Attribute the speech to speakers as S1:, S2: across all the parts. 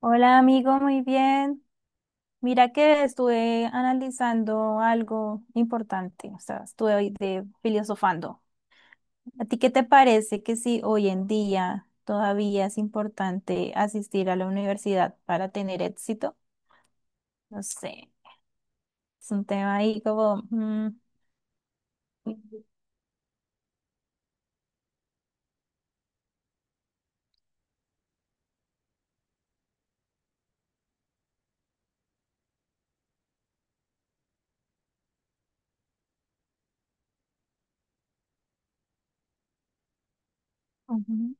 S1: Hola amigo, muy bien. Mira que estuve analizando algo importante, o sea, estuve hoy de filosofando. ¿A ti qué te parece que si hoy en día todavía es importante asistir a la universidad para tener éxito? No sé, es un tema ahí ujú,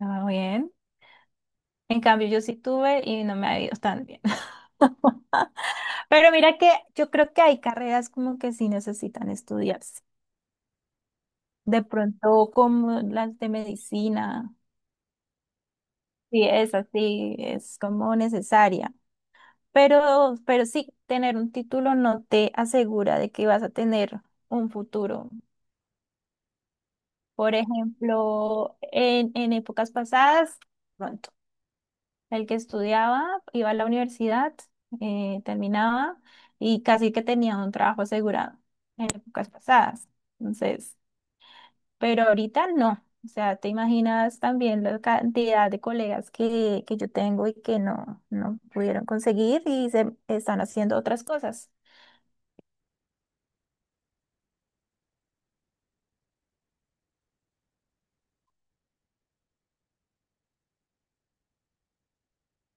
S1: ah, bien. En cambio, yo sí tuve y no me ha ido tan bien. Pero mira que yo creo que hay carreras como que sí necesitan estudiarse. De pronto, como las de medicina, sí es así, es como necesaria. Pero sí, tener un título no te asegura de que vas a tener un futuro. Por ejemplo, en épocas pasadas, pronto, el que estudiaba iba a la universidad, terminaba y casi que tenía un trabajo asegurado en épocas pasadas. Entonces, pero ahorita no. O sea, te imaginas también la cantidad de colegas que yo tengo y que no, no pudieron conseguir y se están haciendo otras cosas.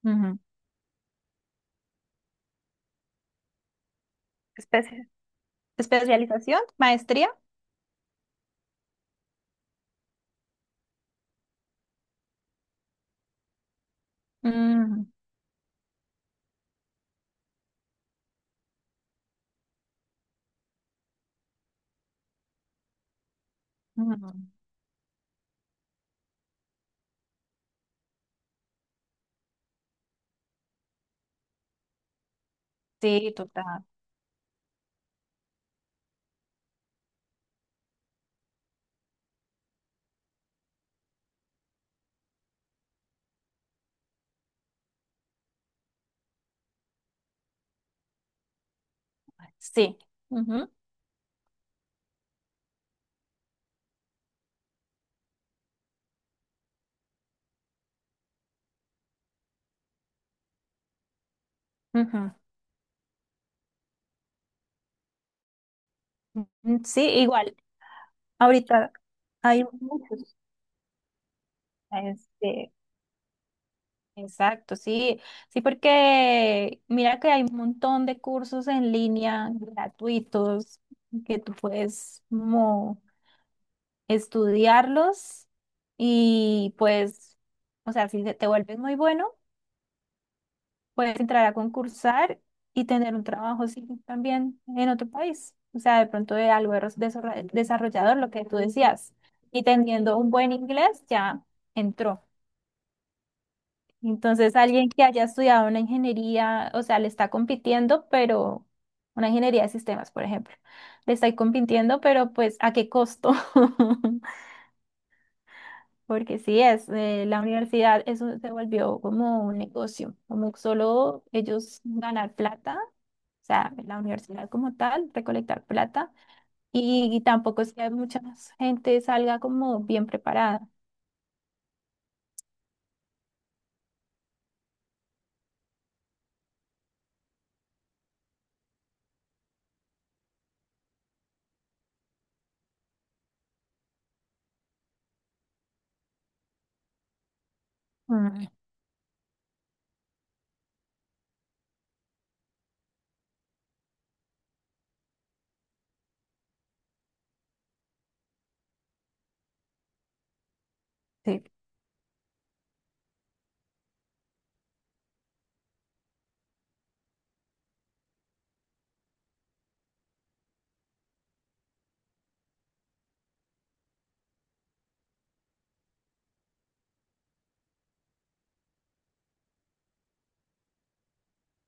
S1: Ujú. Especia- especialización, maestría. Ujú, ujú. Sí, total. Sí. Ujú, ujú. Mm, sí, igual. Ahorita hay muchos. Este, exacto, sí, sí, porque mira que hay un montón de cursos en línea gratuitos que tú puedes como estudiarlos y pues, o sea, si te vuelves muy bueno, puedes entrar a concursar y tener un trabajo sí, también en otro país. O sea, de pronto de algo de desarro- desarrollador, lo que tú decías, y teniendo un buen inglés ya entró. Entonces, alguien que haya estudiado una ingeniería, o sea, le está compitiendo, pero una ingeniería de sistemas, por ejemplo, le está compitiendo, pero pues ¿a qué costo? Porque sí es, la universidad eso se volvió como un negocio, como solo ellos ganar plata, o sea, la universidad como tal, recolectar plata, y tampoco es que mucha gente salga como bien preparada. Mm, sí.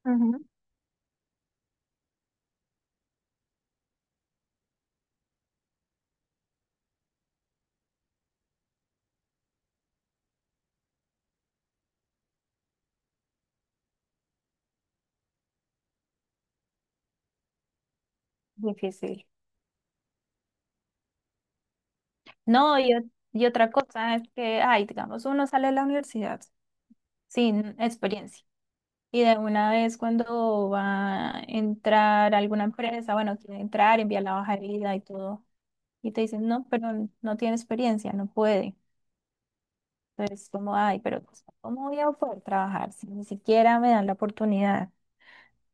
S1: Ujú. Difícil. No, y, ot- y otra cosa es que, ay, digamos, uno sale de la universidad sin experiencia. Y de una vez cuando va a entrar a alguna empresa, bueno, quiere entrar, envía la hoja de vida y todo. Y te dicen, no, pero no tiene experiencia, no puede. Entonces, como, ay, pero pues, ¿cómo voy a poder trabajar si ni siquiera me dan la oportunidad?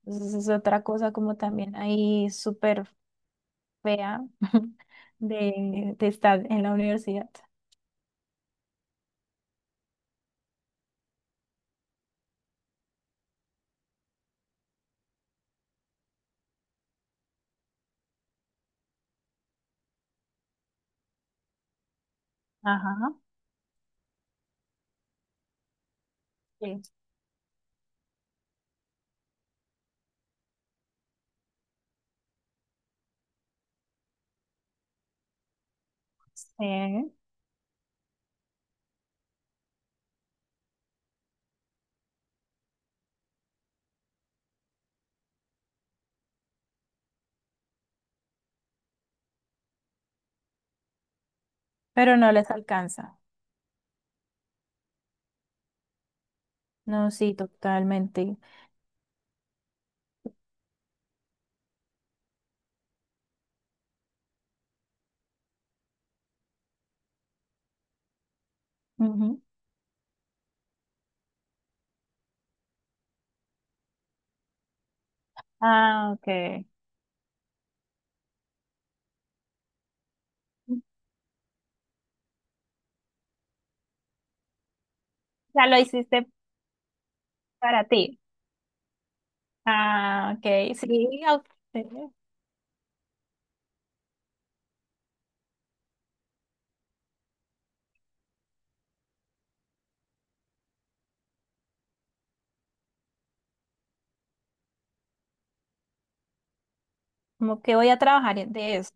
S1: Entonces, es otra cosa como también ahí súper fea de estar en la universidad. Ajá. Sí. Sí. Pero no les alcanza. No, sí, totalmente. Ujú. Ah, ok. Ya lo hiciste para ti. Ah, ok. Sí, ok. Como que voy a trabajar de eso.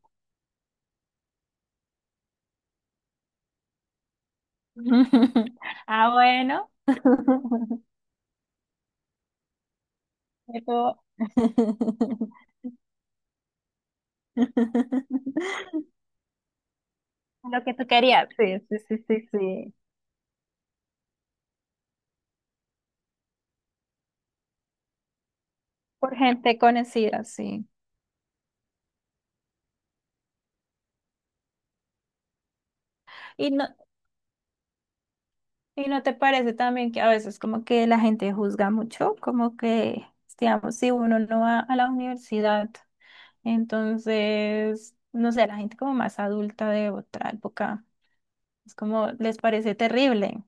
S1: Ah, bueno. Eso- Lo que tú querías. Sí, sí, sí, sí, sí. Por gente conocida, sí. Y no, ¿y no te parece también que a veces como que la gente juzga mucho? Como que, digamos, si uno no va a la universidad, entonces, no sé, la gente como más adulta de otra época, es como les parece terrible,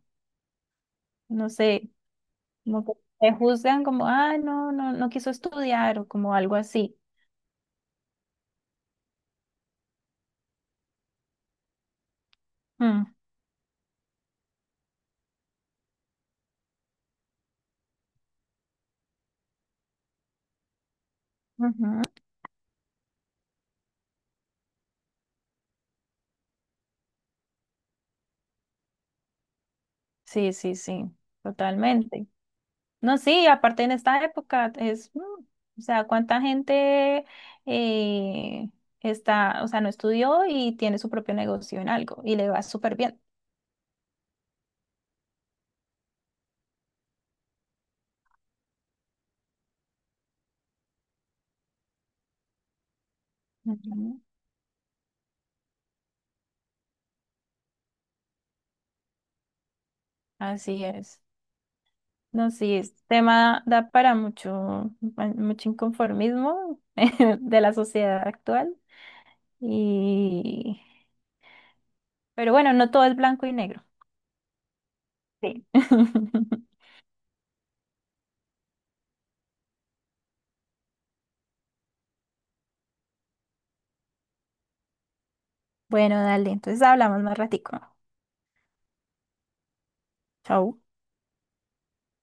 S1: no sé, como que te juzgan como, ah, no, no, no quiso estudiar o como algo así. Mm, ujú. Sí, sí, sí, totalmente. No, sí, aparte en esta época es, o sea, cuánta gente eh, está, o sea, no estudió y tiene su propio negocio en algo y le va súper bien. Ujú. Así es. No, sí, este tema da para mucho, pa- mucho inconformismo de la sociedad actual. Y, pero bueno, no todo es blanco y negro. Sí. Bueno, dale, entonces hablamos más ratico. Chau.